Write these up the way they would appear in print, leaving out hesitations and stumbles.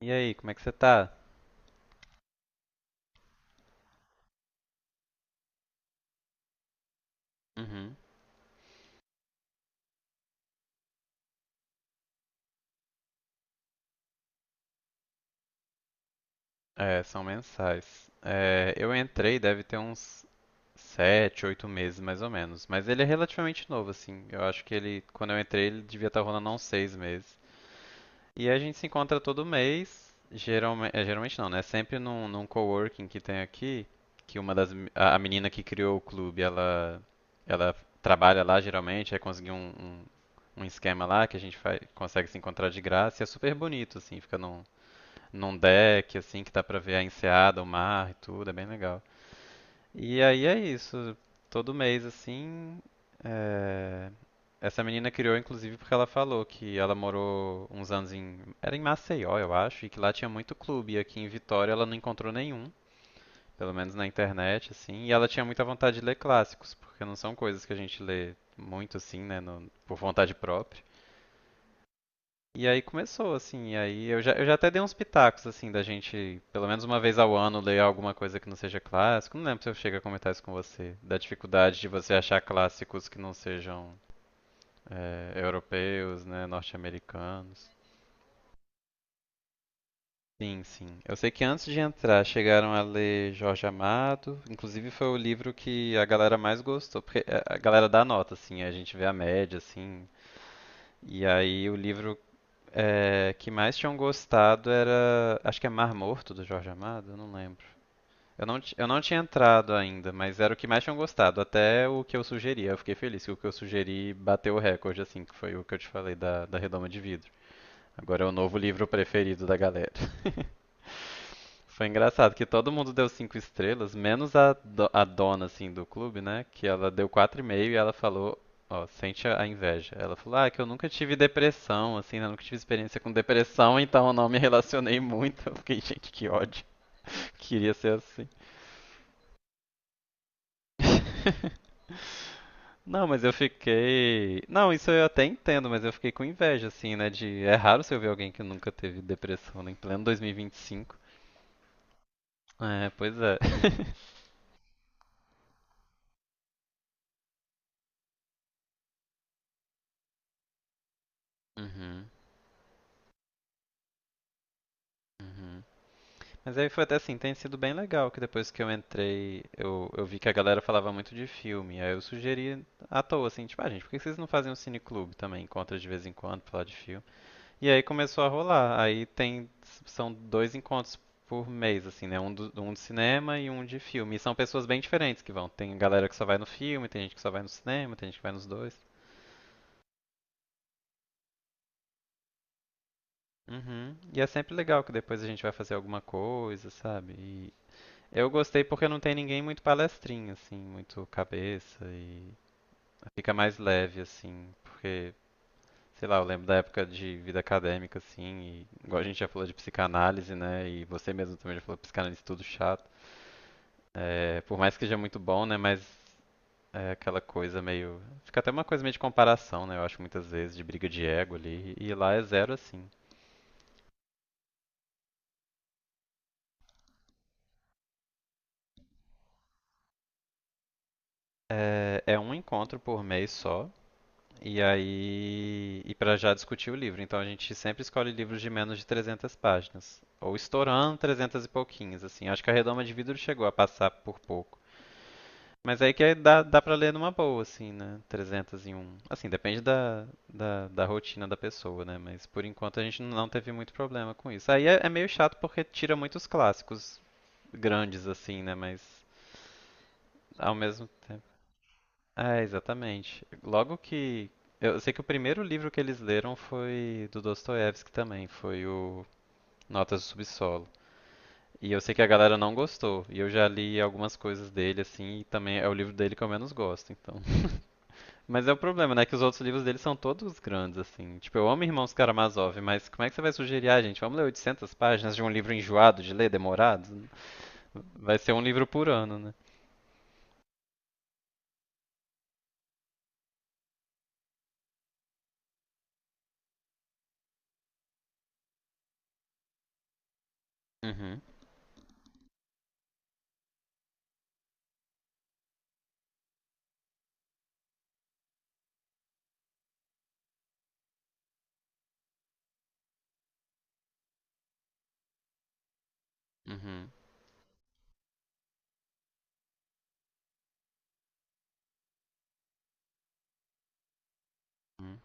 E aí, como é que você tá? Uhum. É, são mensais. Eu entrei, deve ter uns 7, 8 meses mais ou menos. Mas ele é relativamente novo, assim. Eu acho que ele, quando eu entrei, ele devia estar rolando há uns 6 meses. E a gente se encontra todo mês. Geralmente não, né? Sempre num coworking que tem aqui, que uma das me- a menina que criou o clube, ela trabalha lá geralmente, aí conseguiu um, um esquema lá que a gente faz, consegue se encontrar de graça. E é super bonito, assim. Fica num deck, assim, que dá pra ver a enseada, o mar e tudo, é bem legal. E aí é isso, todo mês, assim. é, Essa menina criou, inclusive, porque ela falou que ela morou uns anos em. Era em Maceió, eu acho, e que lá tinha muito clube, e aqui em Vitória ela não encontrou nenhum, pelo menos na internet, assim. E ela tinha muita vontade de ler clássicos, porque não são coisas que a gente lê muito, assim, né, por vontade própria. E aí começou, assim, e aí eu já até dei uns pitacos, assim, da gente, pelo menos uma vez ao ano, ler alguma coisa que não seja clássico. Não lembro se eu chego a comentar isso com você, da dificuldade de você achar clássicos que não sejam europeus, né, norte-americanos. Sim, sim. Eu sei que antes de entrar chegaram a ler Jorge Amado, inclusive foi o livro que a galera mais gostou, porque a galera dá nota, assim, a gente vê a média, assim, e aí o livro que mais tinham gostado era. Acho que é Mar Morto do Jorge Amado, eu não lembro. Eu não tinha entrado ainda, mas era o que mais tinham gostado, até o que eu sugeri. Eu fiquei feliz que o que eu sugeri bateu o recorde, assim, que foi o que eu te falei da redoma de vidro. Agora é o novo livro preferido da galera. Foi engraçado que todo mundo deu cinco estrelas, menos a dona, assim, do clube, né? Que ela deu quatro e meio e ela falou, ó, sente a inveja. Ela falou, ah, que eu nunca tive depressão, assim, né? Eu nunca tive experiência com depressão, então eu não me relacionei muito. Eu fiquei, gente, que ódio. Queria ser assim. Não, mas eu fiquei. Não, isso eu até entendo, mas eu fiquei com inveja, assim, né? De. É raro você ver alguém que nunca teve depressão, né? Em pleno 2025. É, pois é. Uhum, uhum. Mas aí foi até assim, tem sido bem legal que depois que eu entrei, eu vi que a galera falava muito de filme. Aí eu sugeri à toa, assim, tipo, ah, gente, por que vocês não fazem um cineclube também? Encontros de vez em quando, pra falar de filme. E aí começou a rolar. Aí tem, são dois encontros por mês, assim, né? Um de cinema e um de filme. E são pessoas bem diferentes que vão. Tem galera que só vai no filme, tem gente que só vai no cinema, tem gente que vai nos dois. Uhum. E é sempre legal que depois a gente vai fazer alguma coisa, sabe? Eu gostei porque não tem ninguém muito palestrinho, assim, muito cabeça e fica mais leve, assim, porque, sei lá, eu lembro da época de vida acadêmica, assim, e igual a gente já falou de psicanálise, né, e você mesmo também já falou que psicanálise é tudo chato. É, por mais que seja muito bom, né, mas é aquela coisa meio... Fica até uma coisa meio de comparação, né, eu acho muitas vezes, de briga de ego ali, e lá é zero, assim. É, é um encontro por mês só, e aí, e para já discutir o livro. Então a gente sempre escolhe livros de menos de 300 páginas, ou estourando 300 e pouquinhos, assim. Acho que a Redoma de Vidro chegou a passar por pouco. Mas aí que aí dá para ler numa boa, assim, né? 301. Assim, depende da rotina da pessoa, né? Mas por enquanto a gente não teve muito problema com isso. Aí é meio chato porque tira muitos clássicos grandes, assim, né? Mas ao mesmo tempo. É, exatamente. Logo que. Eu sei que o primeiro livro que eles leram foi do Dostoiévski também, foi o Notas do Subsolo. E eu sei que a galera não gostou, e eu já li algumas coisas dele, assim, e também é o livro dele que eu menos gosto, então. Mas é o problema, né? Que os outros livros dele são todos grandes, assim. Tipo, eu amo Irmãos Karamazov, mas como é que você vai sugerir, ah, gente, vamos ler 800 páginas de um livro enjoado de ler, demorado? Vai ser um livro por ano, né? Uhum, uhum, uhum,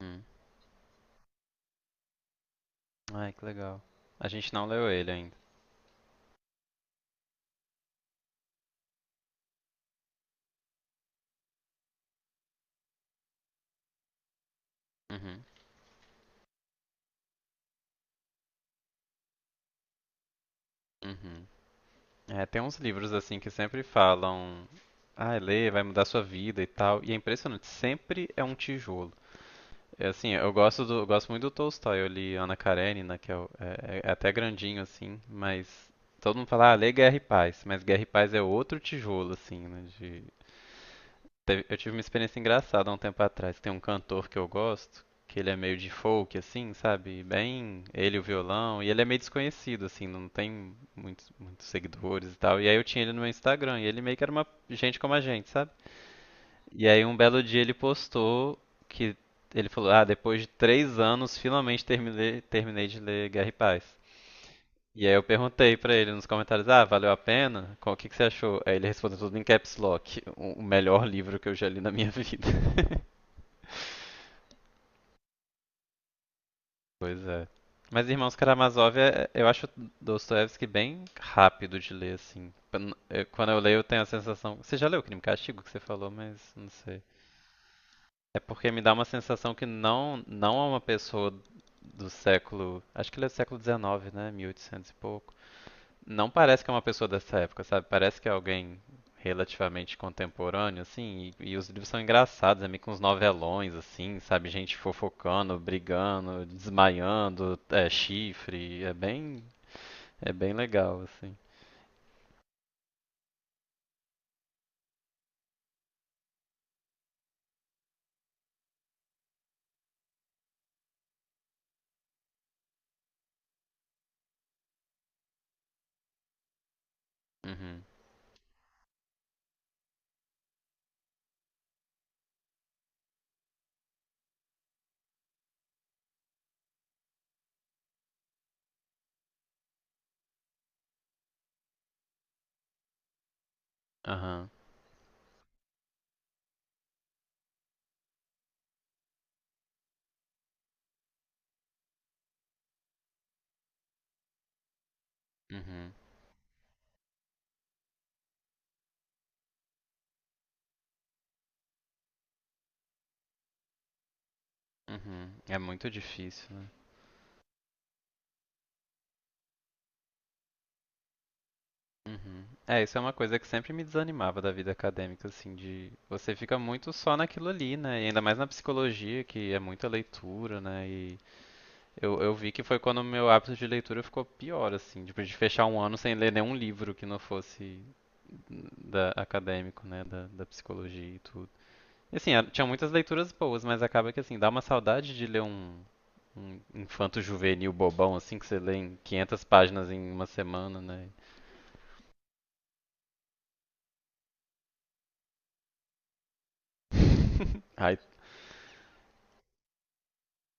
uhum. Ai, que legal. A gente não leu ele ainda. Uhum, uhum. É, tem uns livros assim que sempre falam, ah, lê, vai mudar sua vida e tal. E é impressionante, sempre é um tijolo. É assim, eu gosto muito do Tolstói, eu li Ana Karenina, que é, é até grandinho assim, mas todo mundo fala, ah, lê Guerra e Paz, mas Guerra e Paz é outro tijolo assim, né, de. Eu tive uma experiência engraçada há um tempo atrás. Tem um cantor que eu gosto, que ele é meio de folk, assim, sabe? Bem, ele e o violão, e ele é meio desconhecido, assim, não tem muitos, seguidores e tal. E aí eu tinha ele no meu Instagram, e ele meio que era uma gente como a gente, sabe? E aí um belo dia ele postou que ele falou, ah, depois de 3 anos, finalmente terminei de ler Guerra e Paz. E aí eu perguntei pra ele nos comentários, ah, valeu a pena? O que que você achou? Aí ele respondeu tudo em caps lock, o melhor livro que eu já li na minha vida. Pois é. Mas Irmãos Karamazov, é, eu acho Dostoiévski bem rápido de ler, assim. Quando eu leio, eu tenho a sensação... Você já leu Crime e Castigo que você falou, mas não sei. É porque me dá uma sensação que não é uma pessoa do século... Acho que ele é do século XIX, né? 1800 e oitocentos e pouco. Não parece que é uma pessoa dessa época, sabe? Parece que é alguém relativamente contemporâneo, assim. E os livros são engraçados, é meio que uns novelões, assim, sabe? Gente fofocando, brigando, desmaiando, é, chifre. É bem legal, assim. Uhum, aham, uhum, uhum. É muito difícil, né? Uhum. É, isso é uma coisa que sempre me desanimava da vida acadêmica, assim, de você fica muito só naquilo ali, né? E ainda mais na psicologia, que é muita leitura, né? E eu vi que foi quando o meu hábito de leitura ficou pior, assim, tipo, de fechar um ano sem ler nenhum livro que não fosse acadêmico, né, da psicologia e tudo. E, assim, tinha muitas leituras boas, mas acaba que, assim, dá uma saudade de ler um, um infanto-juvenil bobão, assim, que você lê em 500 páginas em uma semana, né? Aí,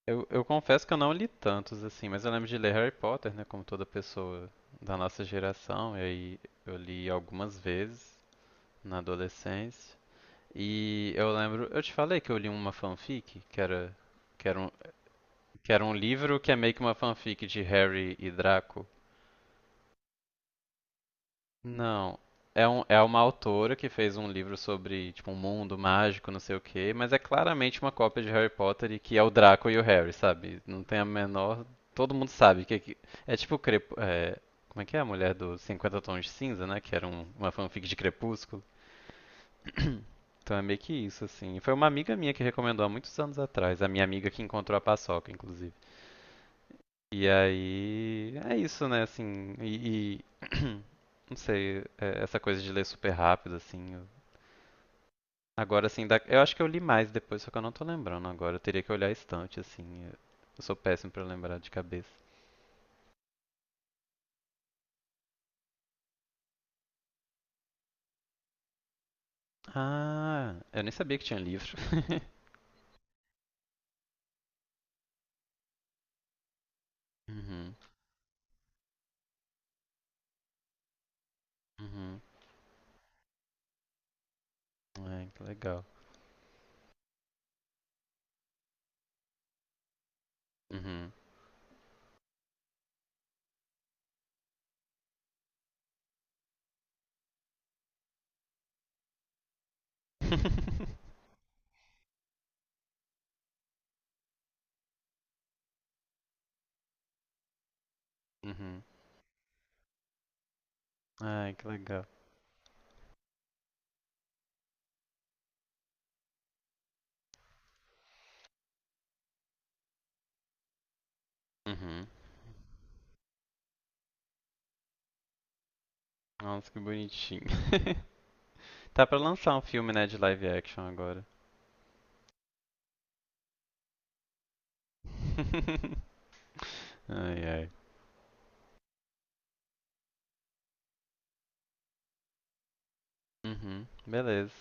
eu confesso que eu não li tantos, assim, mas eu lembro de ler Harry Potter, né, como toda pessoa da nossa geração, e aí eu li algumas vezes na adolescência. E eu lembro, eu te falei que eu li uma fanfic, que era um, que era um livro que é meio que uma fanfic de Harry e Draco. Não, é um, é uma autora que fez um livro sobre, tipo, um mundo mágico, não sei o quê, mas é claramente uma cópia de Harry Potter e que é o Draco e o Harry, sabe? Não tem a menor, todo mundo sabe é tipo Crep... é, como é que é a mulher do Cinquenta Tons de Cinza, né? Que era uma fanfic de Crepúsculo. Então é meio que isso, assim. Foi uma amiga minha que recomendou há muitos anos atrás, a minha amiga que encontrou a paçoca, inclusive. E aí é isso, né, assim. E não sei, é, essa coisa de ler super rápido, assim. Agora, assim, eu acho que eu li mais depois, só que eu não tô lembrando agora. Eu teria que olhar a estante, assim. Eu sou péssimo pra lembrar de cabeça. Ah, eu nem sabia que tinha livro. Uhum, uhum. Ai, que legal. Uhum. Uhum. Ai, que legal. Uhum. Nossa, que bonitinho. Tá pra lançar um filme, né, de live action agora. Ai, ai. Uhum, beleza.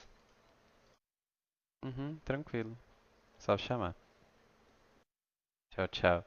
Uhum, tranquilo. Só chamar. Tchau, tchau.